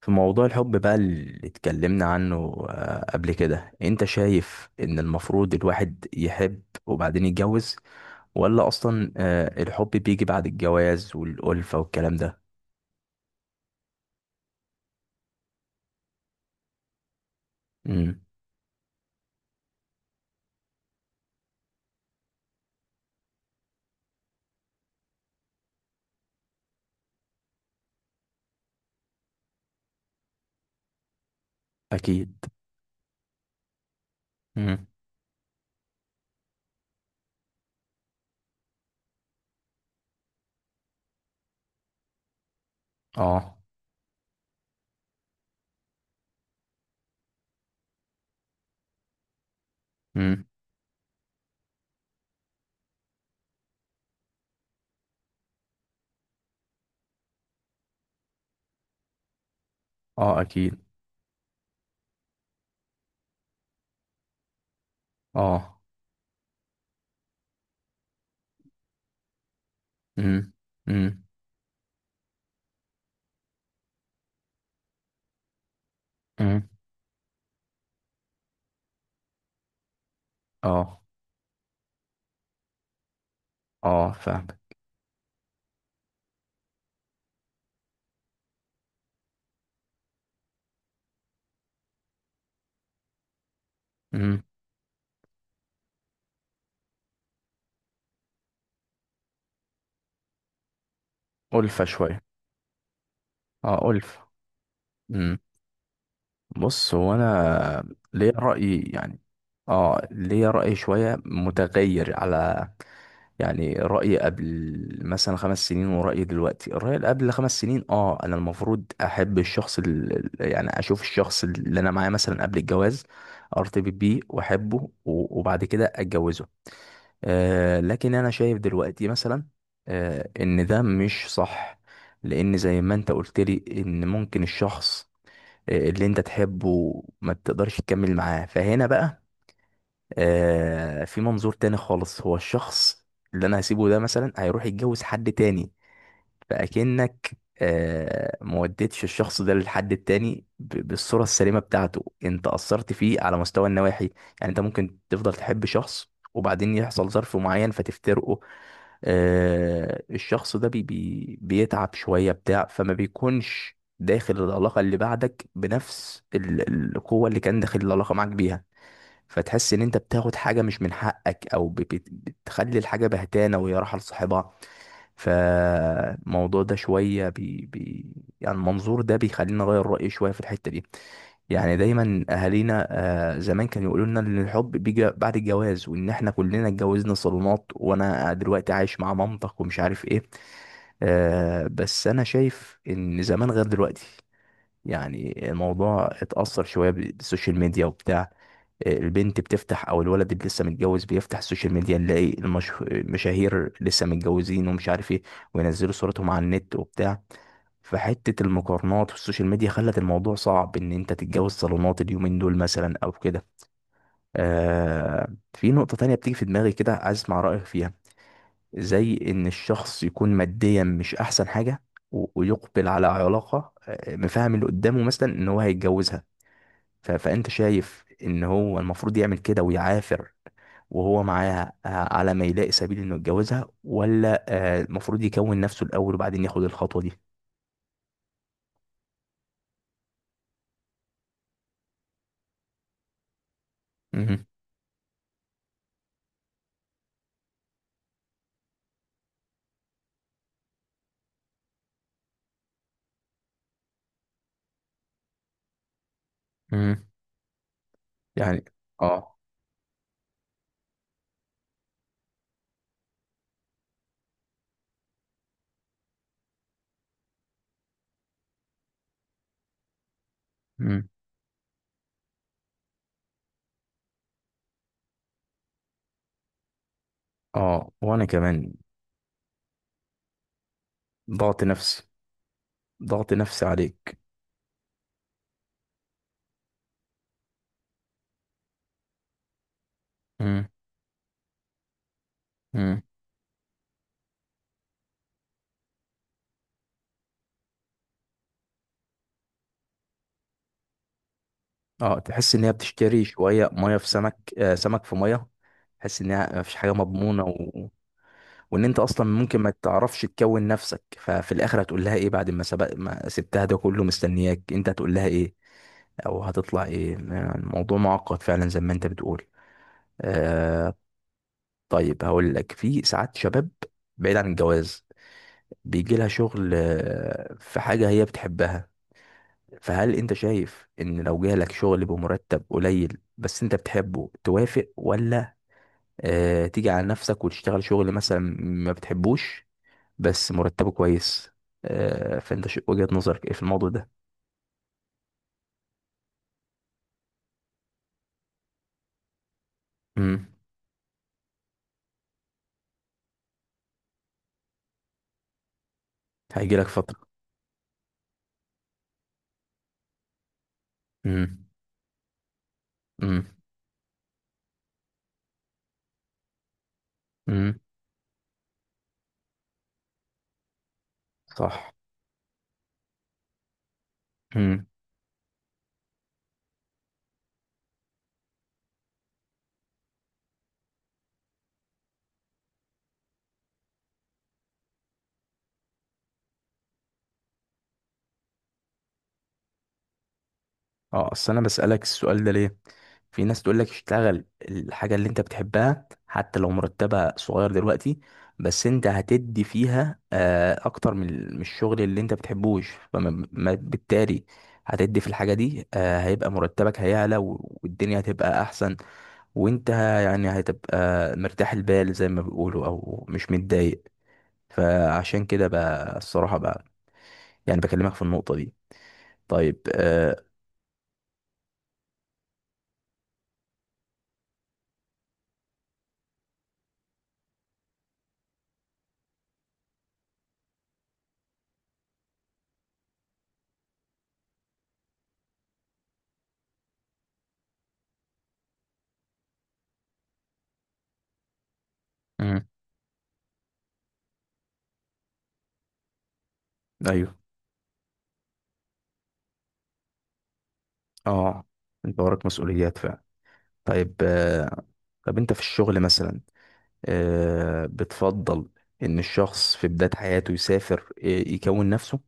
في موضوع الحب بقى اللي اتكلمنا عنه قبل كده انت شايف ان المفروض الواحد يحب وبعدين يتجوز، ولا اصلا الحب بيجي بعد الجواز والألفة والكلام ده؟ امم. اكيد. امم. اه. امم. اه، اكيد. اه. امم، امم، امم. اه. اه، فاهم. امم. ألفة شوية. اه، ألفة. بص، هو انا ليا رأي يعني. اه، ليا رأي شوية متغير على، يعني رأيي قبل مثلا 5 سنين ورأيي دلوقتي. الرأي اللي قبل 5 سنين، انا المفروض احب الشخص يعني اشوف الشخص اللي انا معاه مثلا قبل الجواز، ارتبط بيه واحبه، و- وبعد كده اتجوزه. لكن انا شايف دلوقتي مثلا ان ده مش صح، لان زي ما انت قلت لي ان ممكن الشخص اللي انت تحبه ما تقدرش تكمل معاه. فهنا بقى في منظور تاني خالص. هو الشخص اللي انا هسيبه ده مثلا هيروح يتجوز حد تاني، فأكنك ما وديتش الشخص ده للحد التاني بالصورة السليمة بتاعته. انت أثرت فيه على مستوى النواحي. يعني انت ممكن تفضل تحب شخص وبعدين يحصل ظرف معين فتفترقه، الشخص ده بي بي بيتعب شوية بتاع، فما بيكونش داخل العلاقة اللي بعدك بنفس القوة اللي كان داخل العلاقة معاك بيها. فتحس ان انت بتاخد حاجه مش من حقك، او بتخلي الحاجه بهتانه وهي رايحه لصاحبها. فالموضوع ده شويه بي بي يعني المنظور ده بيخليني اغير رايي شويه في الحته دي. يعني دايما اهالينا زمان كانوا يقولوا لنا ان الحب بيجي بعد الجواز، وان احنا كلنا اتجوزنا صالونات، وانا دلوقتي عايش مع مامتك ومش عارف ايه. بس انا شايف ان زمان غير دلوقتي. يعني الموضوع اتأثر شوية بالسوشيال ميديا وبتاع. البنت بتفتح او الولد اللي لسه متجوز بيفتح السوشيال ميديا، نلاقي المشاهير لسه متجوزين ومش عارف ايه، وينزلوا صورتهم على النت وبتاع. فحتة المقارنات والسوشيال ميديا خلت الموضوع صعب ان انت تتجوز صالونات اليومين دول مثلا او كده. آه في نقطة تانية بتيجي في دماغي كده، عايز اسمع رأيك فيها. زي ان الشخص يكون ماديا مش احسن حاجة و- ويقبل على علاقة مفهم اللي قدامه مثلا ان هو هيتجوزها. ف- فانت شايف ان هو المفروض يعمل كده ويعافر وهو معاها على ما يلاقي سبيل انه يتجوزها، ولا المفروض يكون نفسه الاول وبعدين ياخد الخطوة دي؟ مهم. مهم. يعني. اه. مم. اه، وانا كمان. ضغط نفسي. ضغط نفسي عليك. مم. مم. اه، تحس ان هي بتشتري شوية مية في سمك سمك في مية. تحس ان هي مفيش حاجة مضمونة، وان انت اصلا ممكن ما تعرفش تكون نفسك. ففي الاخر هتقول لها ايه بعد ما سبق ما سبتها ده كله مستنياك؟ انت هتقول لها ايه، او هتطلع ايه؟ الموضوع معقد فعلا زي ما انت بتقول. آه. طيب، هقول لك في ساعات شباب، بعيد عن الجواز، بيجي لها شغل في حاجة هي بتحبها. فهل انت شايف ان لو جالك شغل بمرتب قليل بس انت بتحبه توافق، ولا تيجي على نفسك وتشتغل شغل مثلا ما بتحبوش بس مرتبه كويس؟ فانت وجهة نظرك ايه في الموضوع ده؟ امم. هيجي لك فترة. امم. امم. امم. صح. امم. اه، اصل انا بسألك السؤال ده ليه. في ناس تقول لك اشتغل الحاجة اللي انت بتحبها حتى لو مرتبها صغير دلوقتي، بس انت هتدي فيها اكتر من من الشغل اللي انت بتحبوش. فما بالتالي هتدي في الحاجة دي هيبقى مرتبك هيعلى و- والدنيا هتبقى احسن. وانت يعني هتبقى مرتاح البال زي ما بيقولوا او مش متضايق. فعشان كده بقى، الصراحة بقى، يعني بكلمك في النقطة دي. طيب. آه. مم. ايوه. اه، انت وراك مسؤوليات فعلا. طيب. آه. طب انت في الشغل مثلا بتفضل ان الشخص في بداية حياته يسافر يكون نفسه،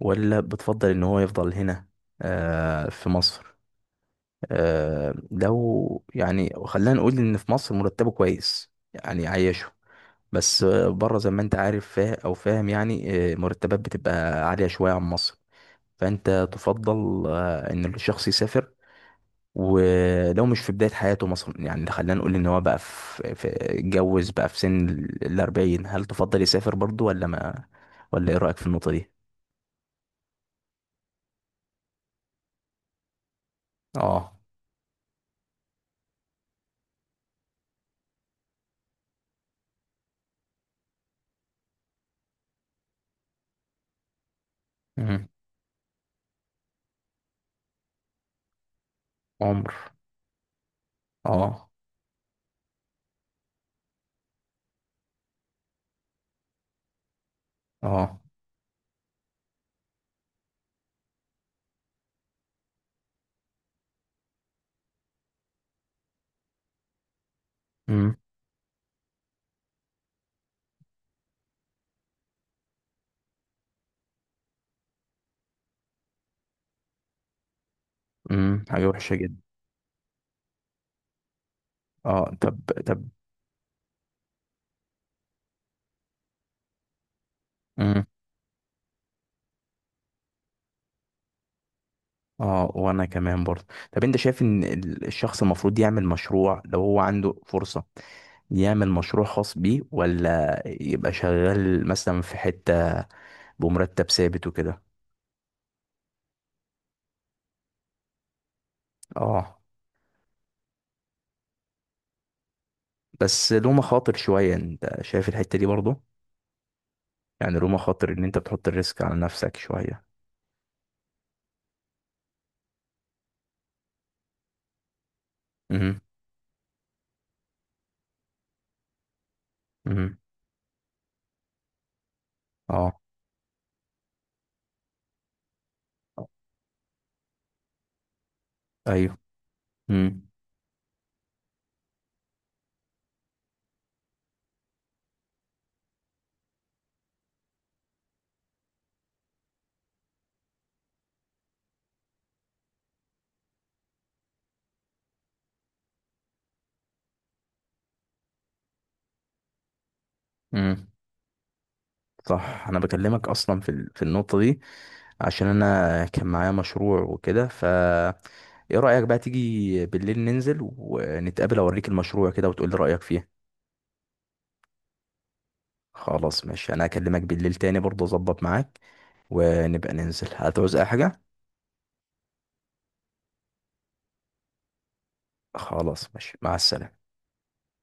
ولا بتفضل ان هو يفضل هنا في مصر؟ لو يعني خلينا نقول ان في مصر مرتبه كويس يعني عايشه، بس بره زي ما انت عارف فا او فاهم يعني مرتبات بتبقى عالية شوية عن مصر. فانت تفضل ان الشخص يسافر؟ ولو مش في بداية حياته مثلا، يعني خلينا نقول ان هو بقى اتجوز بقى في سن الأربعين، هل تفضل يسافر برضو، ولا ما، ولا ايه رأيك في النقطة دي؟ اه. مم. عمر. اه. اه. امم. امم. حاجة وحشة جدا. اه. طب. طب. امم. اه، وانا كمان برضه. طب انت شايف ان الشخص المفروض يعمل مشروع لو هو عنده فرصة، يعمل مشروع خاص بيه، ولا يبقى شغال مثلا في حتة بمرتب ثابت وكده؟ اه. بس له مخاطر شوية، انت شايف الحتة دي برضه، يعني له مخاطر ان انت بتحط الريسك على نفسك شوية. امم. امم. اه. ايوه. امم. صح. انا بكلمك اصلا في النقطه دي عشان انا كان معايا مشروع وكده. ايه رايك بقى تيجي بالليل ننزل ونتقابل، اوريك المشروع كده وتقول لي رايك فيه؟ خلاص ماشي، انا اكلمك بالليل تاني برضه اظبط معاك، ونبقى ننزل. هتعوز اي حاجه؟ خلاص ماشي، مع السلامه.